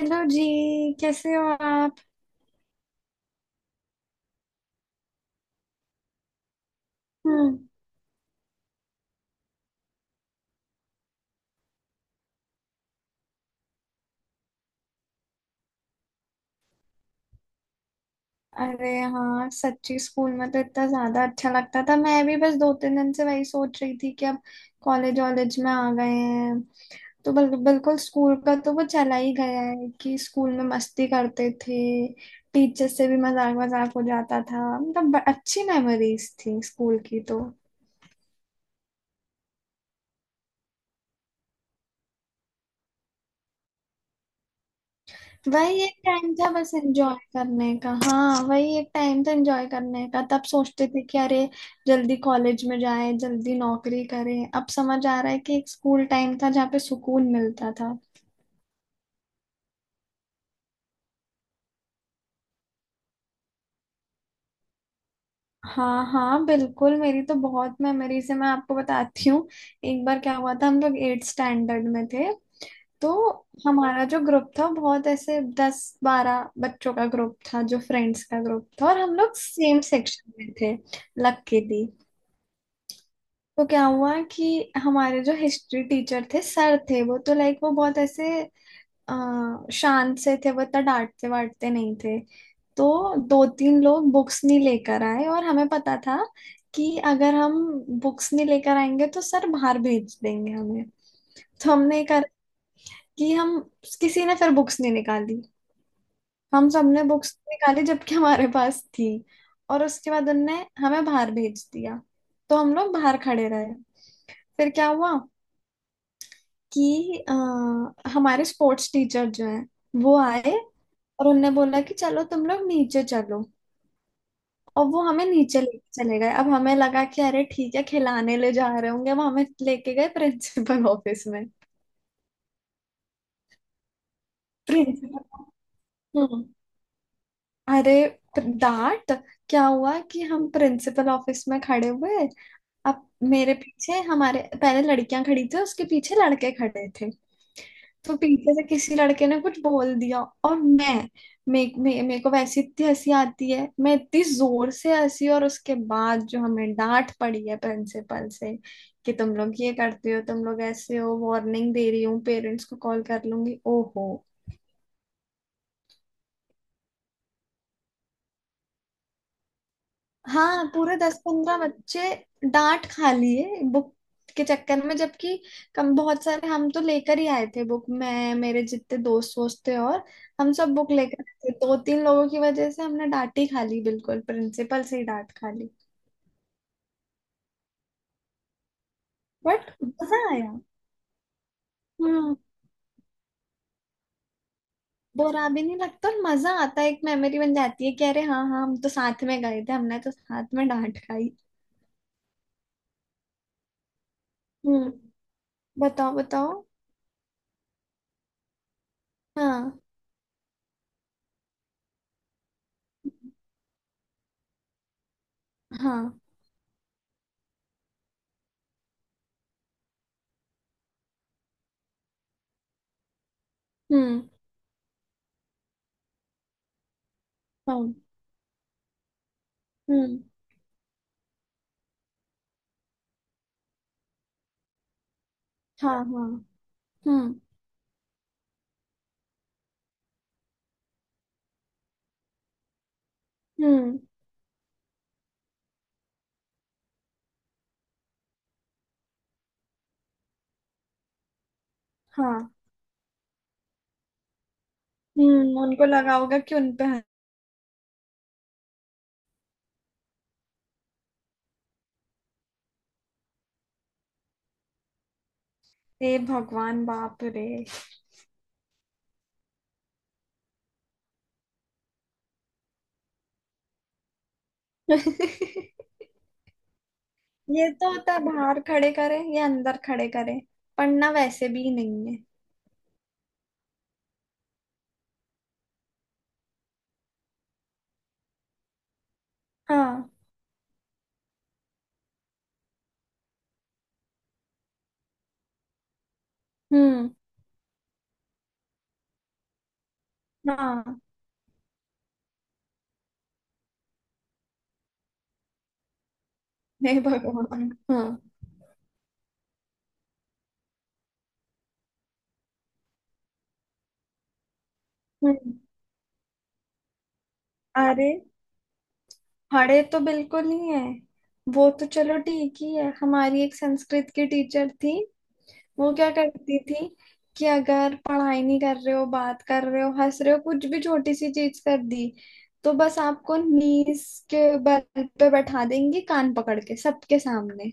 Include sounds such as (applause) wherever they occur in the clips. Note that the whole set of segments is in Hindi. हेलो जी। कैसे हो आप। हम्म। अरे हाँ, सच्ची स्कूल में तो इतना ज्यादा अच्छा लगता था। मैं भी बस 2 3 दिन से वही सोच रही थी कि अब कॉलेज वॉलेज में आ गए हैं। तो बिल्कुल स्कूल का तो वो चला ही गया है कि स्कूल में मस्ती करते थे। टीचर से भी मजाक मजाक हो जाता था। मतलब अच्छी मेमोरीज थी स्कूल की तो। वही एक टाइम था बस एंजॉय करने का। हाँ, वही एक टाइम था एंजॉय करने का। तब सोचते थे कि अरे जल्दी कॉलेज में जाए, जल्दी नौकरी करें। अब समझ आ रहा है कि एक स्कूल टाइम था जहाँ पे सुकून मिलता था। हाँ हाँ, बिल्कुल मेरी तो बहुत मेमोरीज है। मैं आपको बताती हूँ। एक बार क्या हुआ था, हम लोग एट स्टैंडर्ड में थे। तो हमारा जो ग्रुप था, बहुत ऐसे 10 12 बच्चों का ग्रुप था, जो फ्रेंड्स का ग्रुप था। और हम लोग सेम सेक्शन में थे लकीली। तो क्या हुआ कि हमारे जो हिस्ट्री टीचर थे, सर थे, वो तो लाइक वो बहुत ऐसे शांत से थे। वो इतना डांटते वाटते नहीं थे। तो 2 3 लोग बुक्स नहीं लेकर आए। और हमें पता था कि अगर हम बुक्स नहीं लेकर आएंगे तो सर बाहर भेज देंगे हमें। तो हमने कहा कि हम, किसी ने फिर बुक्स नहीं निकाली। हम सबने बुक्स निकाली जबकि हमारे पास थी। और उसके बाद उनने हमें बाहर भेज दिया। तो हम लोग बाहर खड़े रहे। फिर क्या हुआ कि हमारे स्पोर्ट्स टीचर जो हैं, वो आए। और उनने बोला कि चलो तुम लोग नीचे चलो। और वो हमें नीचे लेके चले गए। अब हमें लगा कि अरे ठीक है खिलाने ले जा रहे होंगे। वो हमें लेके गए प्रिंसिपल ऑफिस में। प्रिंसिपल। हम्म। अरे डांट। क्या हुआ कि हम प्रिंसिपल ऑफिस में खड़े हुए। अब मेरे पीछे, हमारे पहले लड़कियां खड़ी थी, उसके पीछे लड़के खड़े थे। तो पीछे से किसी लड़के ने कुछ बोल दिया। और मैं, मे, मे, मेरे को वैसे इतनी हंसी आती है, मैं इतनी जोर से हंसी। और उसके बाद जो हमें डांट पड़ी है प्रिंसिपल से कि तुम लोग ये करते हो, तुम लोग ऐसे हो, वार्निंग दे रही हूँ, पेरेंट्स को कॉल कर लूंगी। ओहो। हाँ, पूरे 10 15 बच्चे डांट खा लिए बुक के चक्कर में। जबकि कम बहुत सारे हम तो लेकर ही आए थे बुक। मैं, मेरे जितने दोस्त वोस्त थे, और हम सब बुक लेकर आए थे। 2 3 लोगों की वजह से हमने डांट ही खा ली। बिल्कुल प्रिंसिपल से ही डांट खा ली। बट मजा आया। हम्म। बुरा भी नहीं लगता और मजा आता है। एक मेमोरी बन जाती है कि अरे हाँ हाँ, हम तो साथ में गए थे, हमने तो साथ में डांट खाई। हम्म। बताओ बताओ। हाँ हाँ। हम्म। हाँ। हम्म। हाँ हाँ। हम्म। हम्म। हाँ। हम्म, उनको लगा होगा कि उनपे। हे भगवान, बाप रे। (laughs) ये तो होता है, बाहर खड़े करे, ये अंदर खड़े करे। पढ़ना वैसे भी नहीं है। हाँ। हम्म। हाँ। हे भगवान हाँ। हम्म। अरे खड़े तो बिल्कुल ही है। वो तो चलो ठीक ही है। हमारी एक संस्कृत की टीचर थी। वो क्या करती थी कि अगर पढ़ाई नहीं कर रहे हो, बात कर रहे हो, हंस रहे हो, कुछ भी छोटी सी चीज कर दी, तो बस आपको नीस के बल पे बैठा देंगी, कान पकड़ के सबके सामने।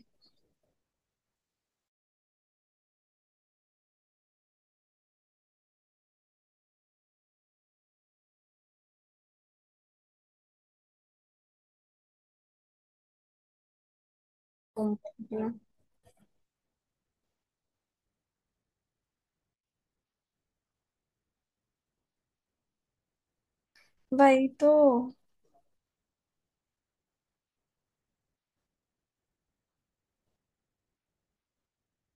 तुम। वही तो।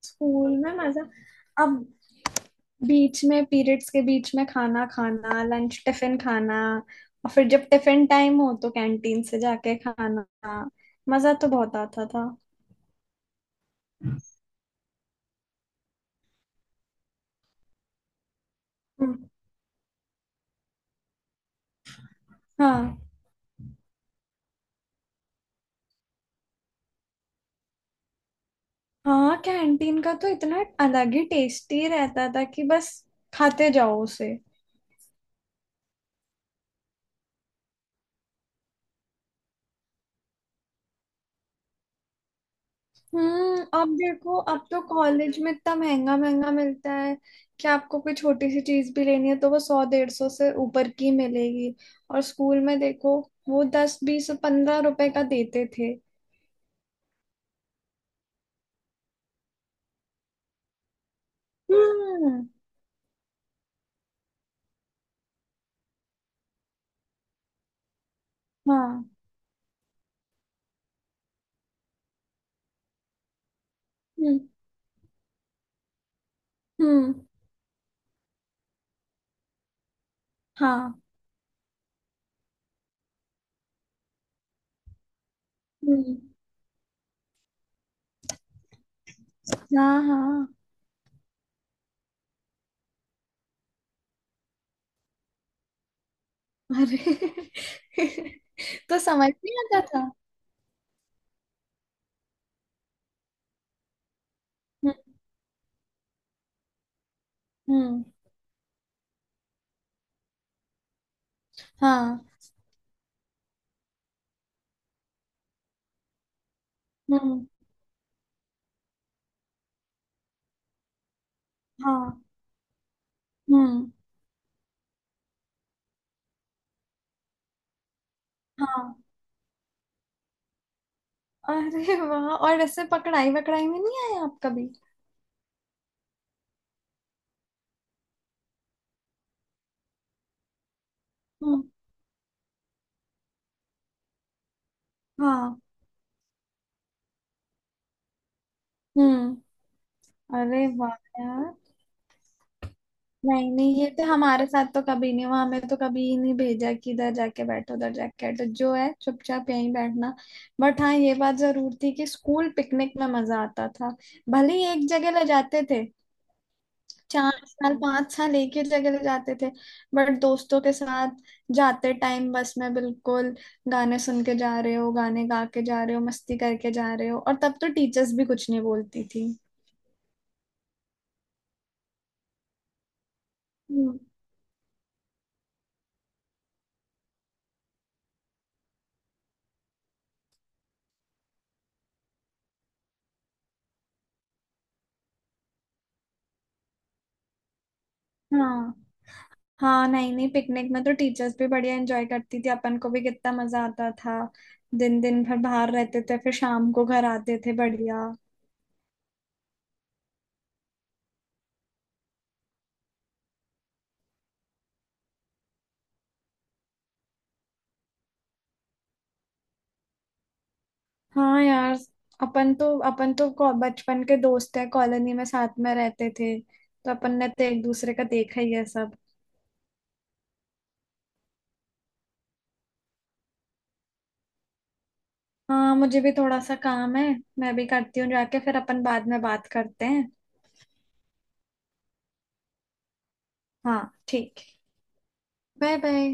स्कूल में मजा। अब बीच में पीरियड्स के बीच में खाना खाना, लंच टिफिन खाना, और फिर जब टिफिन टाइम हो तो कैंटीन से जाके खाना। मजा तो बहुत आता था। हम्म। हाँ हाँ, कैंटीन का तो इतना अलग ही टेस्टी रहता था कि बस खाते जाओ उसे। हम्म। अब देखो अब तो कॉलेज में इतना महंगा महंगा मिलता है कि आपको कोई छोटी सी चीज भी लेनी है तो वो 100 150 से ऊपर की मिलेगी। और स्कूल में देखो, वो 10 20 15 रुपए का देते थे। हम्म। हाँ। हम्म। हम्म। हाँ। हम्म। हाँ हाँ। अरे, (laughs) तो समझ नहीं आता था। हम्म। हम्म। हाँ। हम्म। हाँ। हम्म। हाँ। अरे वाह, और ऐसे पकड़ाई वकड़ाई में नहीं आए आप कभी। हम्म। हाँ। हम्म। अरे वाह यार। नहीं नहीं, ये तो हमारे साथ तो कभी नहीं हुआ। हमें तो कभी ही नहीं भेजा कि इधर जाके बैठो, उधर जाके बैठो, जो है चुपचाप यहीं बैठना। बट हाँ, ये बात जरूर थी कि स्कूल पिकनिक में मजा आता था। भले ही एक जगह ले जाते थे, 4 साल 5 साल एक ही जगह ले जाते थे। बट दोस्तों के साथ जाते टाइम बस में, बिल्कुल गाने सुन के जा रहे हो, गाने गा के जा रहे हो, मस्ती करके जा रहे हो। और तब तो टीचर्स भी कुछ नहीं बोलती थी। हम्म। हाँ हाँ, नहीं नहीं, पिकनिक में तो टीचर्स भी बढ़िया एंजॉय करती थी, अपन को भी कितना मजा आता था। दिन दिन भर बाहर रहते थे, फिर शाम को घर आते थे। बढ़िया। हाँ यार, अपन तो बचपन के दोस्त है, कॉलोनी में साथ में रहते थे, तो अपन ने तो एक दूसरे का देखा ही है सब। हाँ मुझे भी थोड़ा सा काम है। मैं भी करती हूँ जाके। फिर अपन बाद में बात करते हैं। हाँ ठीक। Bye bye.